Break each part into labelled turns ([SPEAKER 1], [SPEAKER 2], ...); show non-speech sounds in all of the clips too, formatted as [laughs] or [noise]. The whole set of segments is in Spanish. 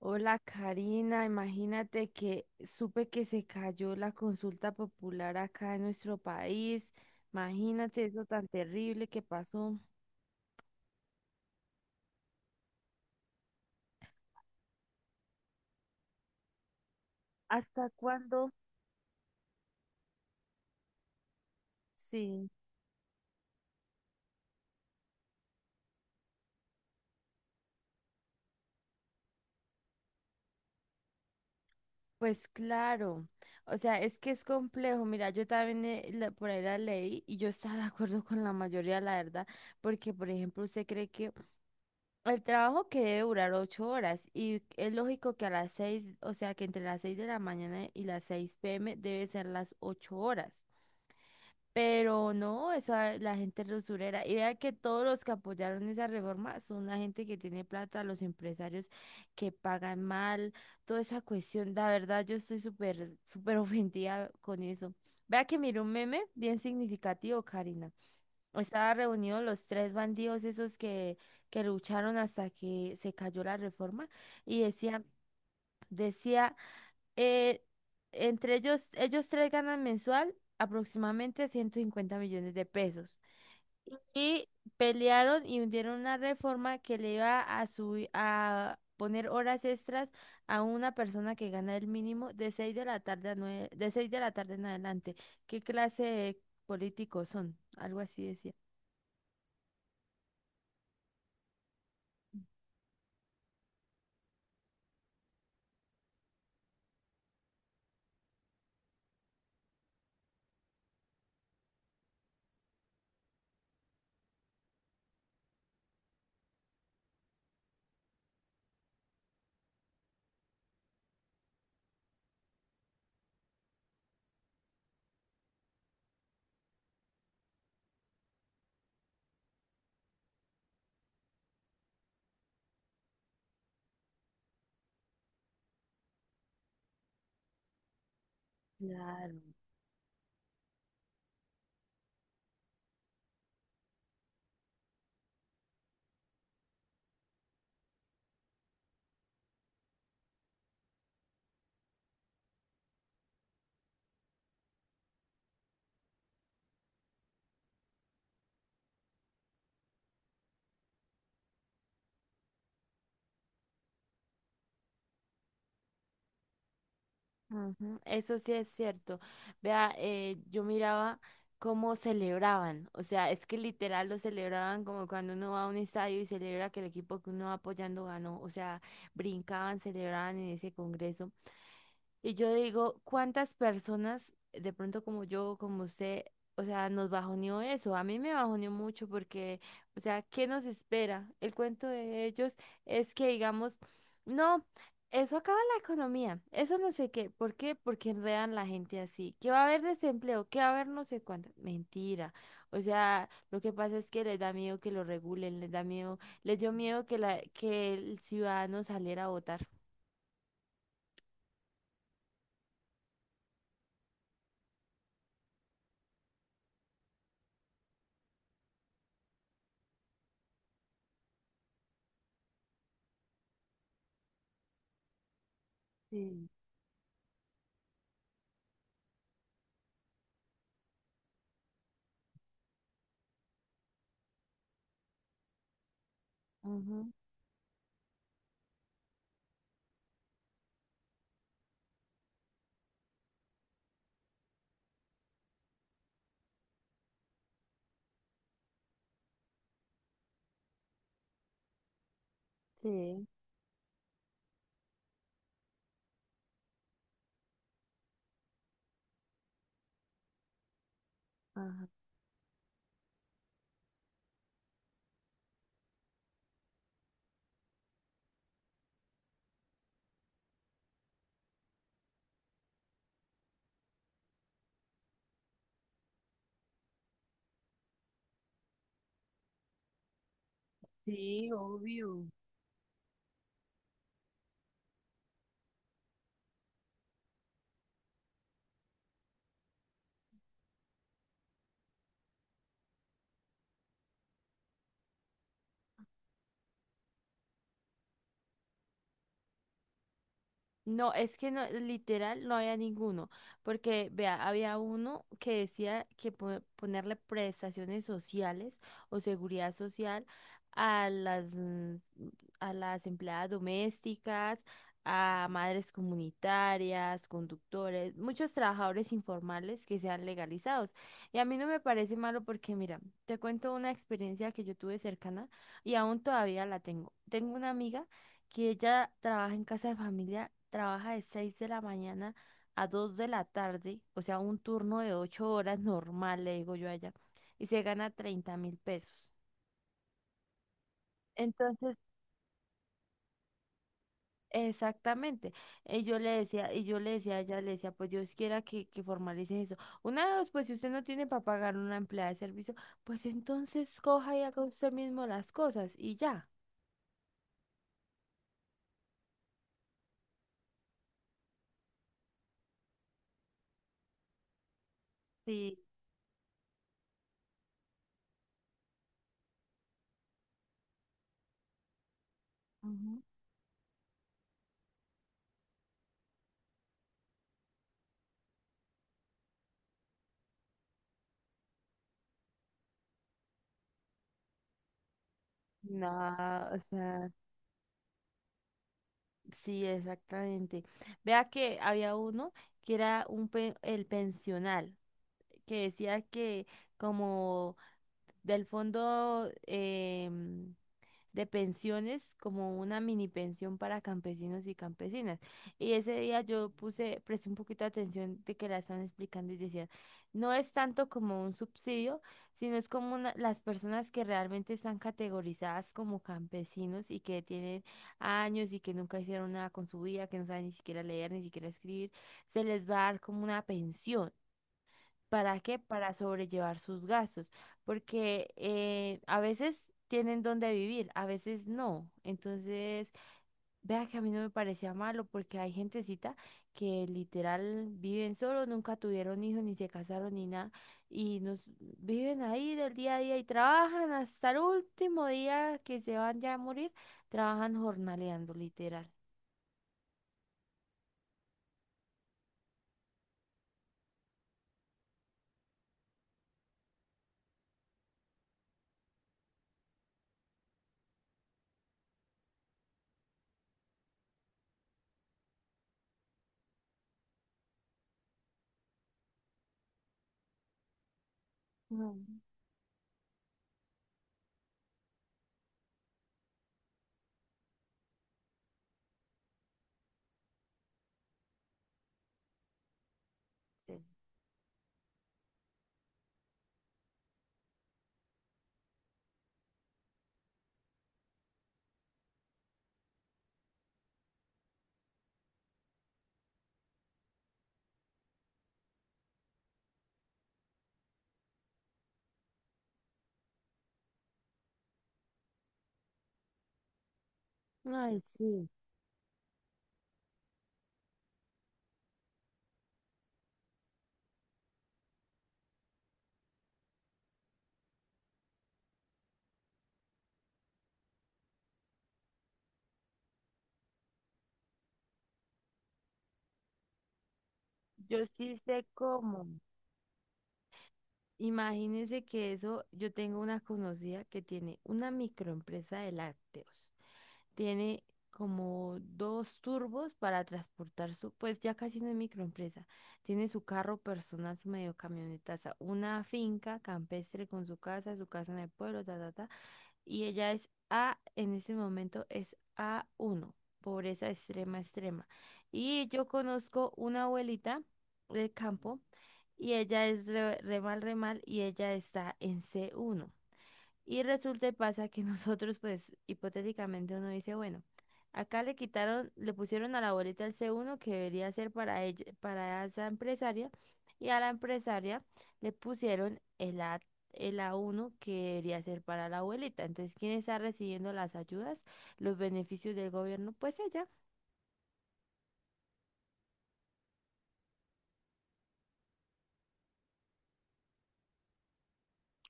[SPEAKER 1] Hola Karina, imagínate que supe que se cayó la consulta popular acá en nuestro país. Imagínate eso tan terrible que pasó. ¿Hasta cuándo? Sí, pues claro. O sea, es que es complejo. Mira, yo también por ahí la leí y yo estaba de acuerdo con la mayoría, la verdad, porque por ejemplo, usted cree que el trabajo que debe durar ocho horas y es lógico que a las seis, o sea que entre las seis de la mañana y las seis pm debe ser las ocho horas. Pero no, eso a la gente es usurera. Y vea que todos los que apoyaron esa reforma son la gente que tiene plata, los empresarios que pagan mal, toda esa cuestión. La verdad, yo estoy súper, súper [laughs] ofendida con eso. Vea que miré un meme bien significativo, Karina. Estaban reunidos los tres bandidos esos que lucharon hasta que se cayó la reforma y decían, decía, eh, entre ellos, ellos tres ganan mensual aproximadamente 150 millones de pesos. Y pelearon y hundieron una reforma que le iba a subir, a poner horas extras a una persona que gana el mínimo de 6 de la tarde a de 6 de la tarde en adelante. ¿Qué clase de políticos son? Algo así decía. Claro. Ujú, eso sí es cierto. Vea, yo miraba cómo celebraban. O sea, es que literal lo celebraban como cuando uno va a un estadio y celebra que el equipo que uno va apoyando ganó. O sea, brincaban, celebraban en ese congreso. Y yo digo, ¿cuántas personas de pronto como yo, como usted, o sea, nos bajoneó eso? A mí me bajoneó mucho porque, o sea, ¿qué nos espera? El cuento de ellos es que digamos, no, eso acaba la economía, eso no sé qué, ¿por qué? Porque enredan la gente así, qué va a haber desempleo, qué va a haber no sé cuánto, mentira. O sea, lo que pasa es que les da miedo que lo regulen, les da miedo, les dio miedo que el ciudadano saliera a votar. Sí, ujú, sí. Ajá. Sí, obvio. No, es que no, literal no había ninguno, porque vea, había uno que decía que ponerle prestaciones sociales o seguridad social a a las empleadas domésticas, a madres comunitarias, conductores, muchos trabajadores informales que sean legalizados. Y a mí no me parece malo porque, mira, te cuento una experiencia que yo tuve cercana y aún todavía la tengo. Tengo una amiga que ella trabaja en casa de familia, trabaja de 6 de la mañana a 2 de la tarde, o sea, un turno de 8 horas [laughs] normal, le digo yo a ella, y se gana 30 mil pesos. Entonces, exactamente, y yo le decía, y yo le decía a ella, le decía, pues Dios quiera que formalicen eso. Una de dos, pues si usted no tiene para pagar una empleada de servicio, pues entonces coja y haga usted mismo las cosas y ya. Sí. Ujú. No, o sea. Sí, exactamente. Vea que había uno que era un el pensional, que decía que como del fondo de pensiones, como una mini pensión para campesinos y campesinas. Y ese día yo puse, presté un poquito de atención de que la están explicando y decían, no es tanto como un subsidio, sino es como las personas que realmente están categorizadas como campesinos y que tienen años y que nunca hicieron nada con su vida, que no saben ni siquiera leer, ni siquiera escribir, se les va a dar como una pensión. ¿Para qué? Para sobrellevar sus gastos, porque a veces tienen donde vivir, a veces no. Entonces, vea que a mí no me parecía malo porque hay gentecita que literal viven solo, nunca tuvieron hijos, ni se casaron, ni nada, y nos viven ahí del día a día y trabajan hasta el último día que se van ya a morir, trabajan jornaleando, literal. Ay, sí. Ay, sí. Yo sí sé cómo. Imagínense que eso, yo tengo una conocida que tiene una microempresa de lácteos. Tiene como dos turbos para transportar su, pues ya casi no es microempresa. Tiene su carro personal, su medio camionetaza, una finca campestre con su casa en el pueblo, ta, ta, ta y ella es A, en este momento es a uno, pobreza extrema, extrema. Y yo conozco una abuelita del campo y ella es re, re mal, re mal, y ella está en c uno y resulta y pasa que [laughs] nosotros, pues, hipotéticamente uno dice, bueno, acá le quitaron, le pusieron a la boleta el C1 que debería ser para ella, para esa empresaria, y a la empresaria le pusieron el A, el A1 que debería ser para la abuelita. Entonces, ¿quién está recibiendo las ayudas, los beneficios del gobierno? Pues ella,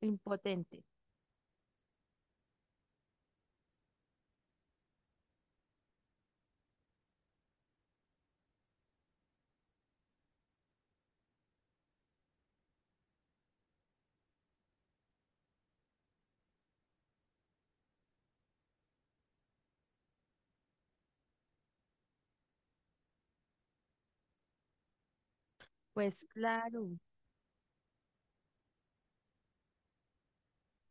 [SPEAKER 1] impotente. Pues claro.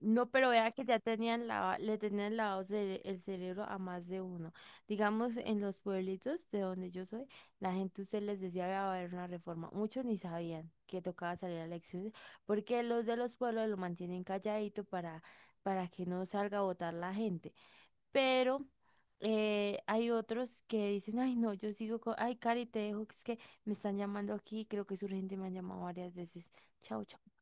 [SPEAKER 1] No, pero vea que ya tenían le tenían el cerebro a más de uno. Digamos, en los pueblitos de donde yo soy, la gente usted les decía que iba a haber una reforma. Muchos ni sabían que tocaba salir a elecciones, porque los de los pueblos lo mantienen calladito para que no salga a votar la gente. Pero hay otros que dicen, ay no, yo sigo con, ay Cari, te dejo, que es que me están llamando aquí, creo que es urgente, me han llamado varias veces. Chao, chao.